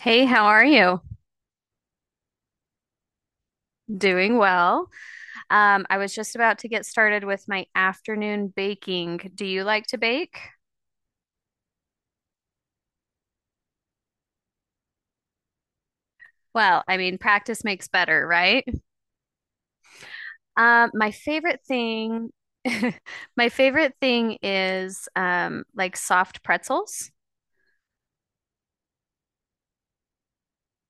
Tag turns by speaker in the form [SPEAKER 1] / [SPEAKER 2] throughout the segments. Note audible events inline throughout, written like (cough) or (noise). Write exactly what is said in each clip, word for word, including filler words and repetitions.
[SPEAKER 1] Hey, how are you? Doing well. Um, I was just about to get started with my afternoon baking. Do you like to bake? Well, I mean, practice makes better, right? Um, my favorite thing, (laughs) my favorite thing is um, like soft pretzels.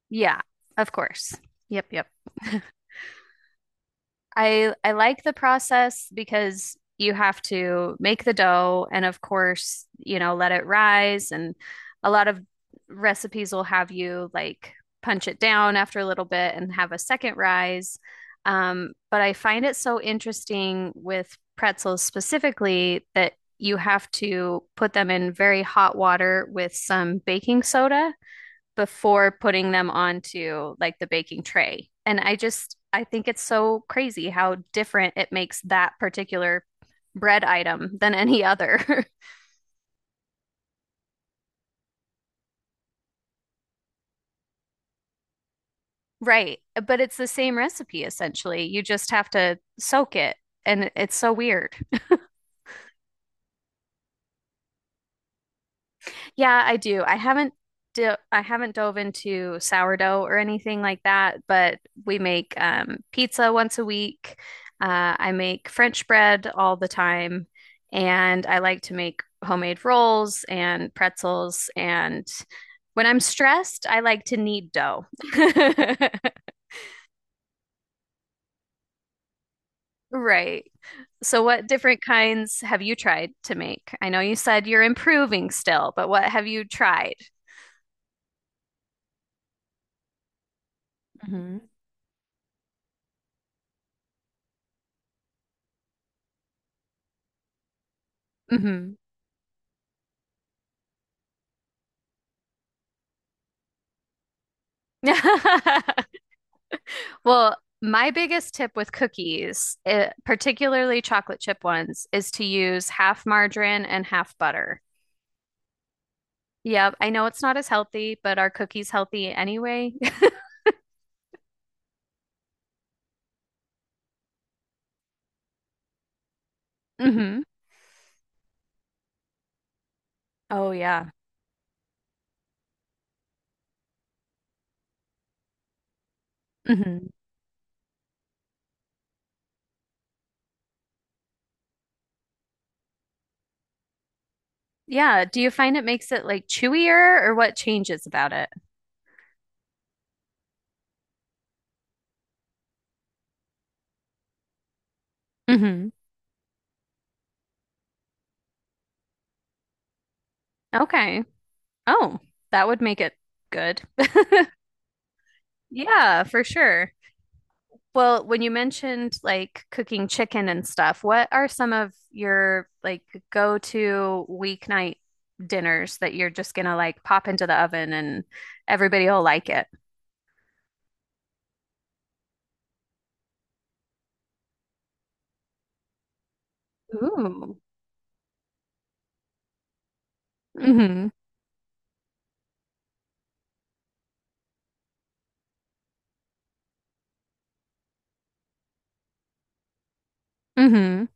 [SPEAKER 1] Yeah, of course. Yep, yep. (laughs) I I like the process because you have to make the dough and of course, you know, let it rise and a lot of recipes will have you like punch it down after a little bit and have a second rise. Um, but I find it so interesting with pretzels specifically that you have to put them in very hot water with some baking soda before putting them onto like the baking tray. And I just, I think it's so crazy how different it makes that particular bread item than any other. (laughs) Right. But it's the same recipe essentially. You just have to soak it. And it's so weird. Yeah, I do. I haven't do I haven't dove into sourdough or anything like that, but we make um, pizza once a week. Uh, I make French bread all the time, and I like to make homemade rolls and pretzels. And when I'm stressed, I like to knead dough. (laughs) Right. So, what different kinds have you tried to make? I know you said you're improving still, but what have you tried? Mhm. Hmm. (laughs) Well, my biggest tip with cookies, eh, particularly chocolate chip ones, is to use half margarine and half butter. Yeah, I know it's not as healthy, but are cookies healthy anyway? (laughs) Hmm. Oh, yeah. Hmm. Yeah. Do you find it makes it like chewier or what changes about it? Hmm. Okay. Oh, that would make it good. (laughs) Yeah, for sure. Well, when you mentioned like cooking chicken and stuff, what are some of your like go-to weeknight dinners that you're just gonna like pop into the oven and everybody will like it? Ooh. Hmm. Hmm.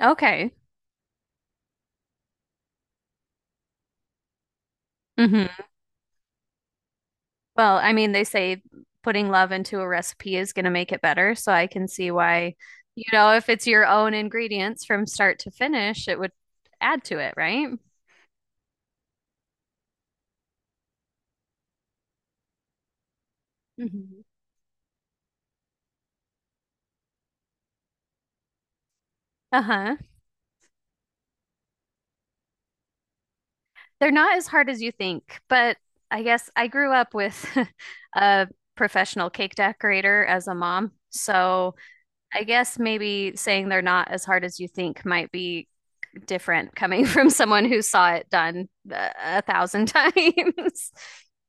[SPEAKER 1] Okay. Hmm. Well, I mean, they say putting love into a recipe is gonna make it better, so I can see why, you know, if it's your own ingredients from start to finish, it would add to it, right? Mhm. Uh-huh. They're not as hard as you think, but I guess I grew up with (laughs) a professional cake decorator as a mom. So I guess maybe saying they're not as hard as you think might be different coming (laughs) from someone who saw it done uh, a thousand times. (laughs)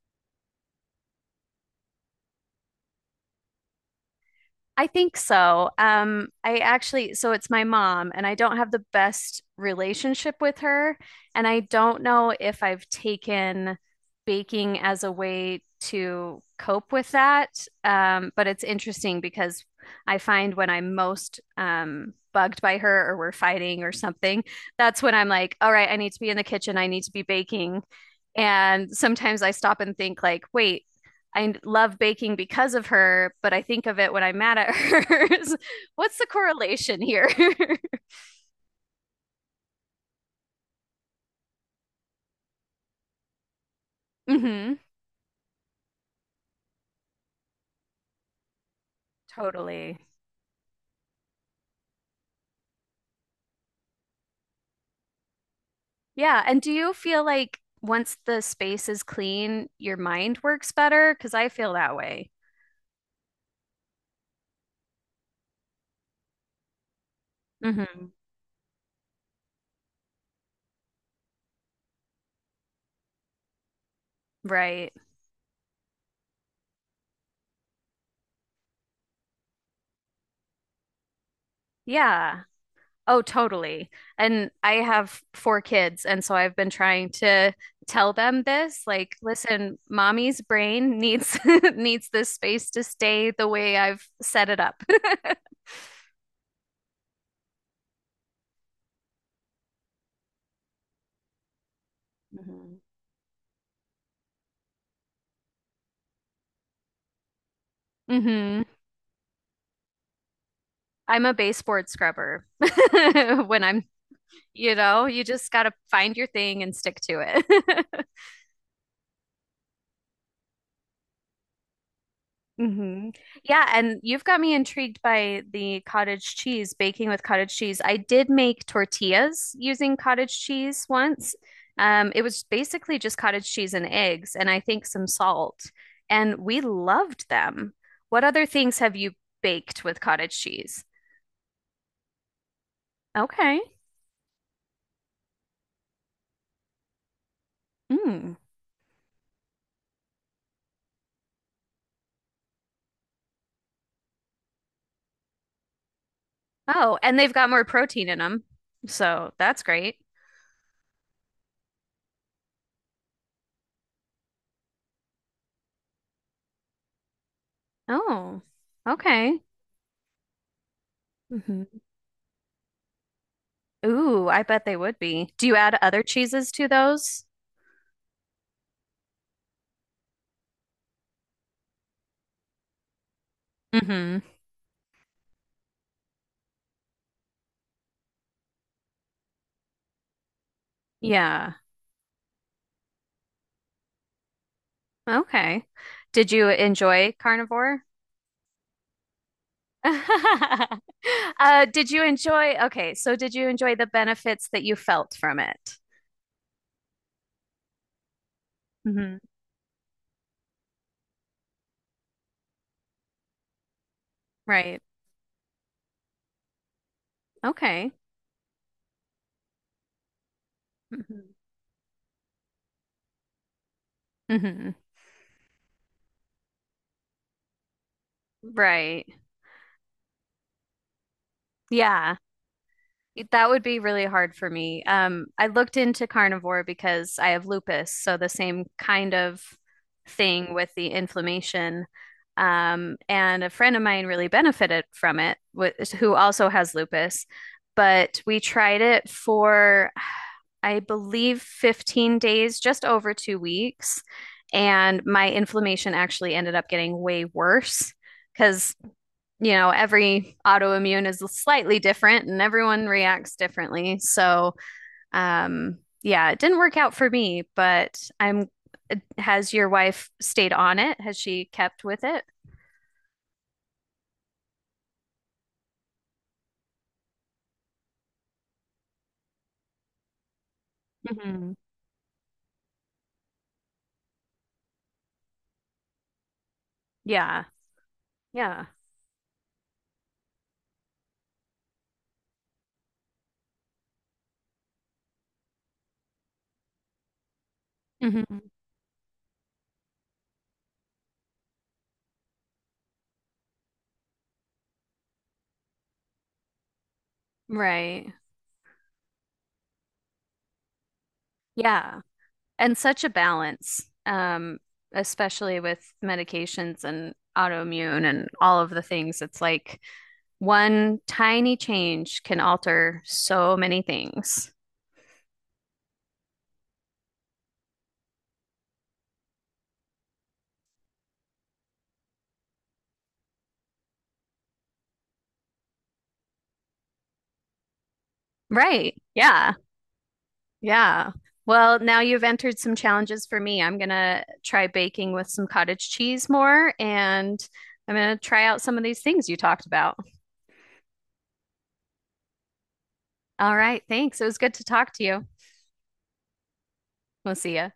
[SPEAKER 1] I think so. Um, I actually, so it's my mom, and I don't have the best relationship with her. And I don't know if I've taken baking as a way to cope with that. Um, but it's interesting because I find when I'm most um, bugged by her or we're fighting or something, that's when I'm like, all right, I need to be in the kitchen. I need to be baking. And sometimes I stop and think like, wait, I love baking because of her, but I think of it when I'm mad at her. (laughs) What's the correlation here? (laughs) Hmm. Totally. Yeah. And do you feel like once the space is clean, your mind works better? Because I feel that way. Hmm. Right. Yeah. Oh, totally. And I have four kids, and so I've been trying to tell them this, like, listen, mommy's brain needs (laughs) needs this space to stay the way I've set it up. (laughs) Hmm. Hmm. I'm a baseboard scrubber (laughs) when I'm, you know, you just gotta find your thing and stick to it. (laughs) Hmm. Yeah, and you've got me intrigued by the cottage cheese, baking with cottage cheese. I did make tortillas using cottage cheese once. Um, it was basically just cottage cheese and eggs, and I think some salt, and we loved them. What other things have you baked with cottage cheese? Okay. Mm. Oh, and they've got more protein in them, so that's great. Oh, okay. Hmm. Ooh, I bet they would be. Do you add other cheeses to those? Hmm. Yeah. Okay. Did you enjoy carnivore? (laughs) Uh, did you enjoy? Okay, so did you enjoy the benefits that you felt from it? Hmm. Right. Okay. Hmm. Hmm. Right. Yeah. That would be really hard for me. Um, I looked into carnivore because I have lupus, so the same kind of thing with the inflammation. Um, and a friend of mine really benefited from it, wh- who also has lupus. But we tried it for, I believe, fifteen days, just over two weeks. And my inflammation actually ended up getting way worse because you know, every autoimmune is slightly different and everyone reacts differently. So, um, yeah, it didn't work out for me, but I'm, Has your wife stayed on it? Has she kept with it? Hmm. Yeah. Yeah. Hmm. Right. Yeah. And such a balance, um, especially with medications and autoimmune and all of the things. It's like, one tiny change can alter so many things. Right. Yeah. Yeah. Well, now you've entered some challenges for me. I'm gonna try baking with some cottage cheese more, and I'm gonna try out some of these things you talked about. All right. Thanks. It was good to talk to you. We'll see ya.